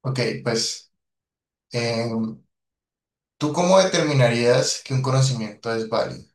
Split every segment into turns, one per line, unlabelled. Ok, pues, em, ¿tú cómo determinarías que un conocimiento es válido?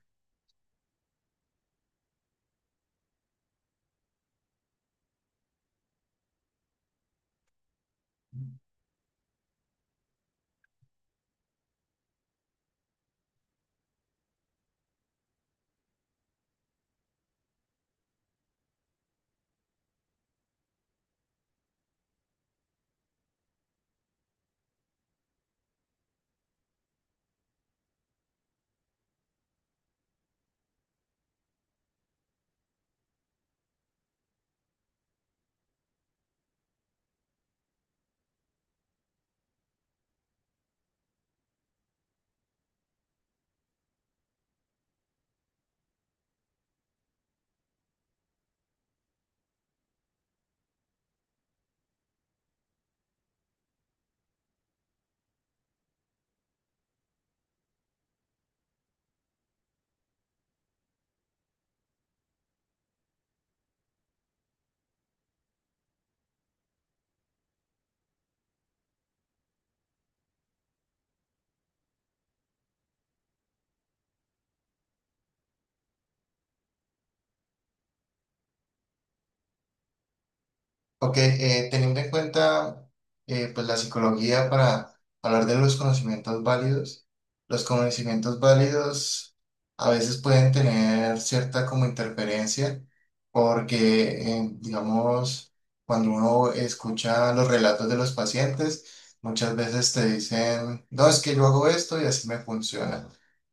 Ok, teniendo en cuenta pues la psicología para hablar de los conocimientos válidos a veces pueden tener cierta como interferencia porque, digamos, cuando uno escucha los relatos de los pacientes, muchas veces te dicen, no, es que yo hago esto y así me funciona.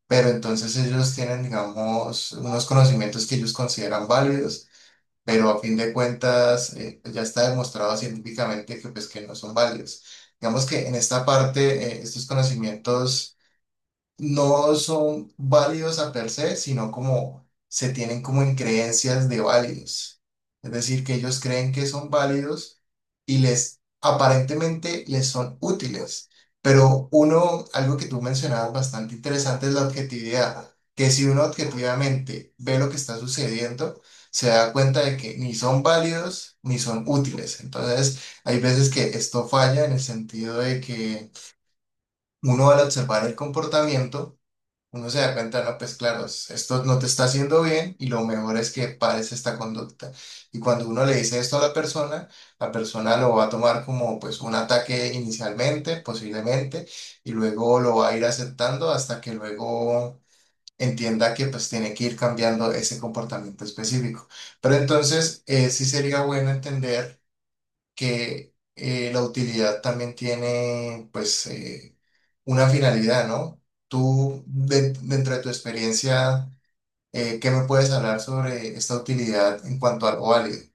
Pero entonces ellos tienen, digamos, unos conocimientos que ellos consideran válidos, pero a fin de cuentas pues, ya está demostrado científicamente que, pues, que no son válidos. Digamos que en esta parte, estos conocimientos no son válidos a per se, sino como se tienen como en creencias de válidos. Es decir, que ellos creen que son válidos y les aparentemente les son útiles. Pero uno, algo que tú mencionabas bastante interesante es la objetividad, que si uno objetivamente ve lo que está sucediendo, se da cuenta de que ni son válidos ni son útiles. Entonces, hay veces que esto falla en el sentido de que uno al observar el comportamiento, uno se da cuenta, no, pues claro, esto no te está haciendo bien y lo mejor es que pares esta conducta. Y cuando uno le dice esto a la persona lo va a tomar como pues un ataque inicialmente, posiblemente, y luego lo va a ir aceptando hasta que luego entienda que pues tiene que ir cambiando ese comportamiento específico. Pero entonces sí sería bueno entender que la utilidad también tiene pues... una finalidad, ¿no? Tú, dentro de tu experiencia, ¿qué me puedes hablar sobre esta utilidad en cuanto al válido?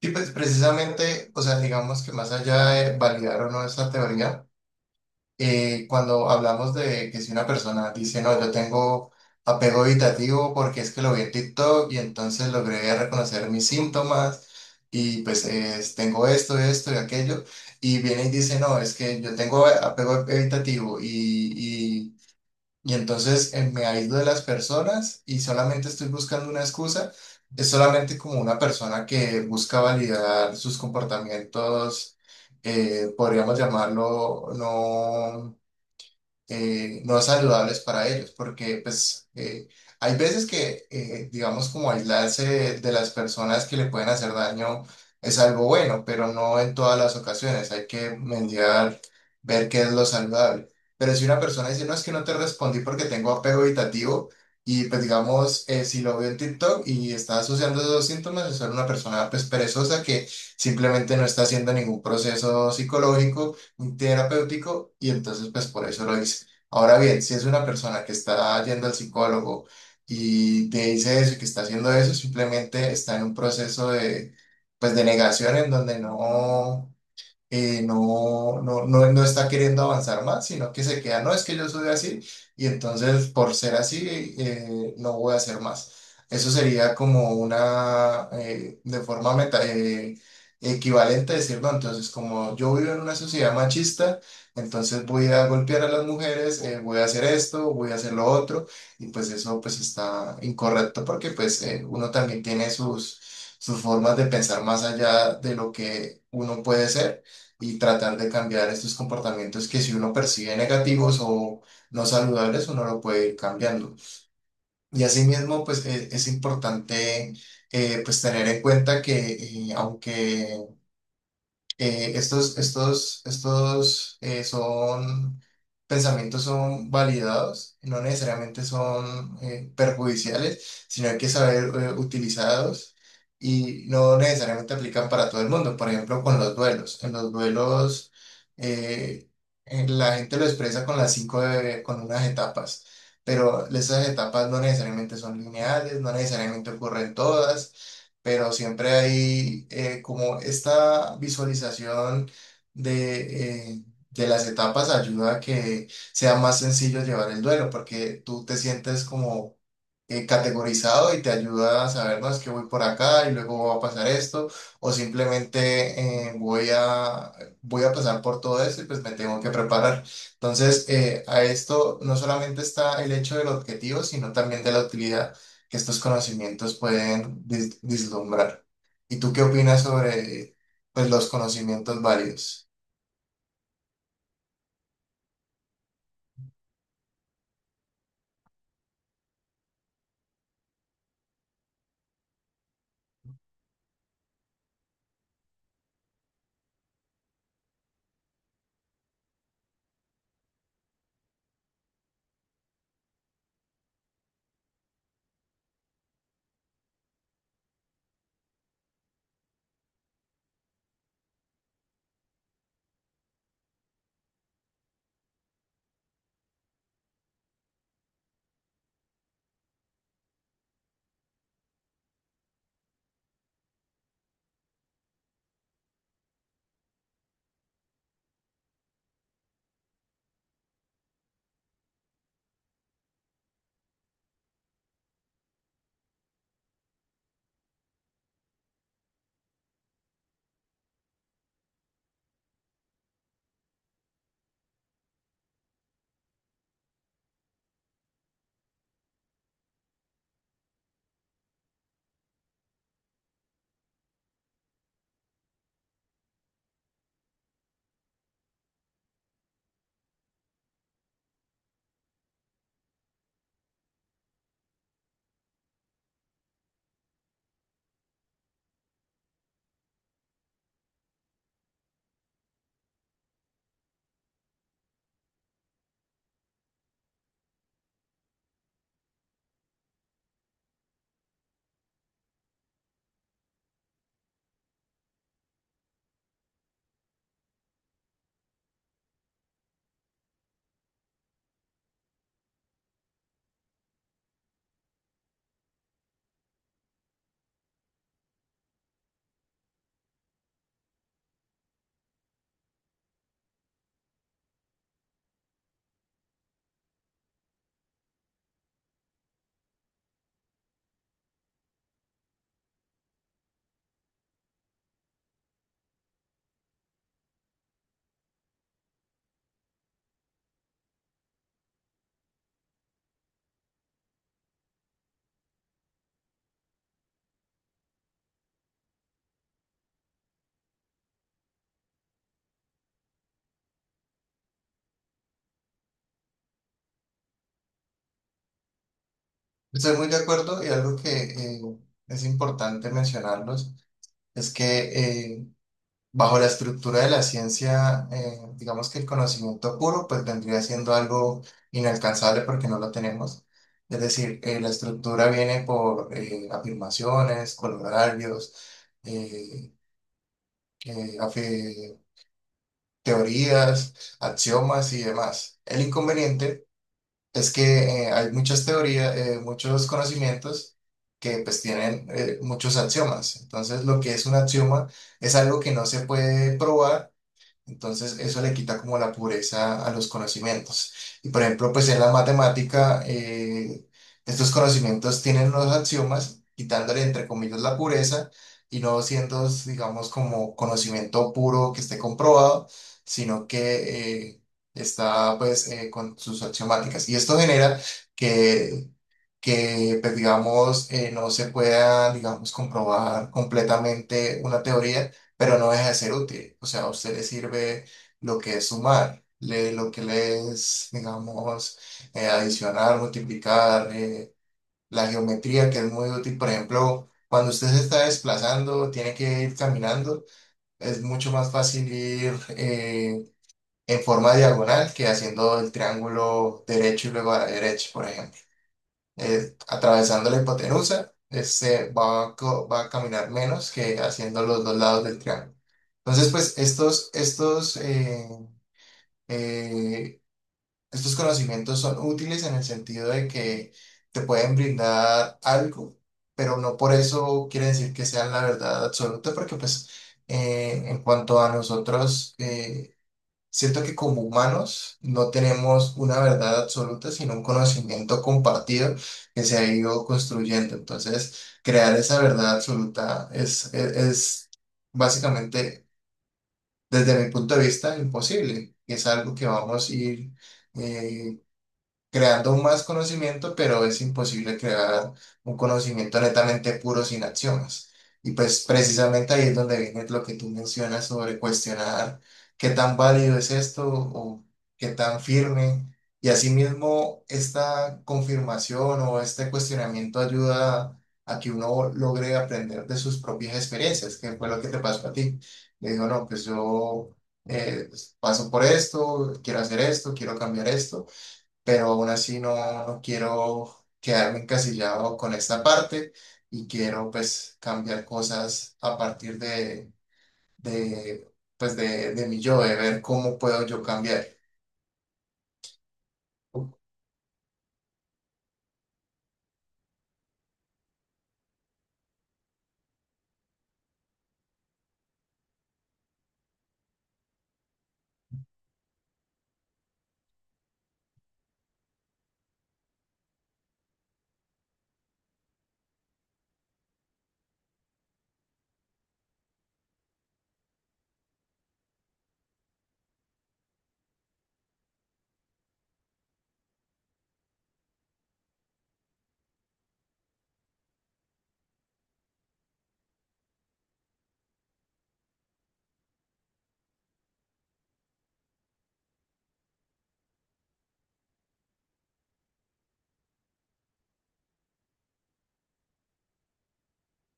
Sí, pues precisamente, o sea, digamos que más allá de validar o no esta teoría, cuando hablamos de que si una persona dice, no, yo tengo apego evitativo porque es que lo vi en TikTok y entonces logré reconocer mis síntomas y pues tengo esto, esto y aquello, y viene y dice, no, es que yo tengo apego evitativo y entonces me aíslo de las personas y solamente estoy buscando una excusa. Es solamente como una persona que busca validar sus comportamientos, podríamos llamarlo, no no saludables para ellos, porque pues hay veces que, digamos, como aislarse de las personas que le pueden hacer daño es algo bueno, pero no en todas las ocasiones, hay que mediar, ver qué es lo saludable. Pero si una persona dice, no, es que no te respondí porque tengo apego evitativo, y pues digamos, si lo veo en TikTok y está asociando esos síntomas, es ser una persona pues perezosa que simplemente no está haciendo ningún proceso psicológico un terapéutico y entonces pues por eso lo hice. Ahora bien, si es una persona que está yendo al psicólogo y te dice eso y que está haciendo eso, simplemente está en un proceso de pues de negación en donde no no está queriendo avanzar más, sino que se queda, no, es que yo soy así y entonces por ser así no voy a hacer más. Eso sería como una, de forma meta, equivalente a decir, no, entonces como yo vivo en una sociedad machista, entonces voy a golpear a las mujeres, voy a hacer esto, voy a hacer lo otro, y pues eso pues está incorrecto porque pues uno también tiene sus, sus formas de pensar más allá de lo que uno puede ser y tratar de cambiar estos comportamientos que si uno percibe negativos o no saludables, uno lo puede ir cambiando. Y asimismo, pues es, importante pues tener en cuenta que aunque estos son pensamientos son validados, no necesariamente son perjudiciales, sino hay que saber utilizarlos y no necesariamente aplican para todo el mundo. Por ejemplo, con los duelos. En los duelos eh, la gente lo expresa con las con unas etapas. Pero esas etapas no necesariamente son lineales, no necesariamente ocurren todas, pero siempre hay como esta visualización de, eh, de las etapas, ayuda a que sea más sencillo llevar el duelo, porque tú te sientes como categorizado y te ayuda a saber, no, es que voy por acá y luego va a pasar esto, o simplemente voy a pasar por todo esto y pues me tengo que preparar. Entonces, a esto no solamente está el hecho del objetivo, sino también de la utilidad que estos conocimientos pueden vislumbrar. ¿Y tú qué opinas sobre, pues, los conocimientos válidos? Estoy muy de acuerdo y algo que es importante mencionarlos es que bajo la estructura de la ciencia, digamos que el conocimiento puro pues vendría siendo algo inalcanzable porque no lo tenemos. Es decir, la estructura viene por afirmaciones, colorearios, eh, eh, afi- teorías, axiomas y demás. El inconveniente es que hay muchas teorías, muchos conocimientos que pues tienen muchos axiomas. Entonces, lo que es un axioma es algo que no se puede probar. Entonces, eso le quita como la pureza a los conocimientos. Y por ejemplo, pues en la matemática, estos conocimientos tienen los axiomas, quitándole entre comillas la pureza y no siendo, digamos, como conocimiento puro que esté comprobado, sino que está pues con sus axiomáticas. Y esto genera que pues, digamos, no se pueda, digamos, comprobar completamente una teoría, pero no deja de ser útil. O sea, a usted le sirve lo que es sumar, lo que le es, digamos, adicionar, multiplicar, la geometría, que es muy útil, por ejemplo. Cuando usted se está desplazando, tiene que ir caminando, es mucho más fácil ir en forma diagonal que haciendo el triángulo derecho y luego a la derecha, por ejemplo atravesando la hipotenusa, se va, a co- va a caminar menos que haciendo los dos lados del triángulo. Entonces, pues eh, estos conocimientos son útiles en el sentido de que te pueden brindar algo, pero no por eso quiere decir que sean la verdad absoluta, porque pues en cuanto a nosotros, siento que como humanos no tenemos una verdad absoluta, sino un conocimiento compartido que se ha ido construyendo. Entonces, crear esa verdad absoluta es básicamente, desde mi punto de vista, imposible. Es algo que vamos a ir eh, creando más conocimiento, pero es imposible crear un conocimiento netamente puro sin acciones. Y pues precisamente ahí es donde viene lo que tú mencionas sobre cuestionar qué tan válido es esto o qué tan firme. Y asimismo, esta confirmación o este cuestionamiento ayuda a que uno logre aprender de sus propias experiencias, que fue lo que te pasó a ti. Le digo, no, pues yo eh, paso por esto, quiero hacer esto, quiero cambiar esto, pero aún así no, no quiero quedarme encasillado con esta parte y quiero pues cambiar cosas a partir de pues de mi yo, de ver cómo puedo yo cambiar.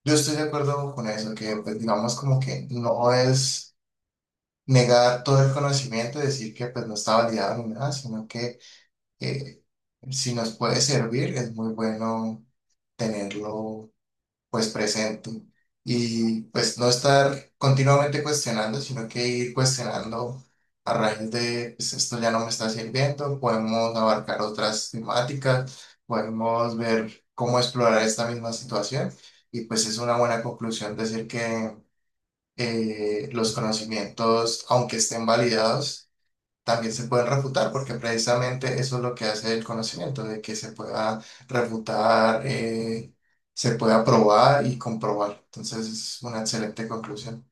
Yo estoy de acuerdo con eso, que pues digamos como que no es negar todo el conocimiento y decir que pues no está validado ni nada, sino que eh, si nos puede servir, es muy bueno tenerlo pues presente y pues no estar continuamente cuestionando, sino que ir cuestionando a raíz de pues, esto ya no me está sirviendo, podemos abarcar otras temáticas, podemos ver cómo explorar esta misma situación y pues es una buena conclusión decir que los conocimientos, aunque estén validados, también se pueden refutar, porque precisamente eso es lo que hace el conocimiento, de que se pueda refutar, se pueda probar y comprobar. Entonces es una excelente conclusión.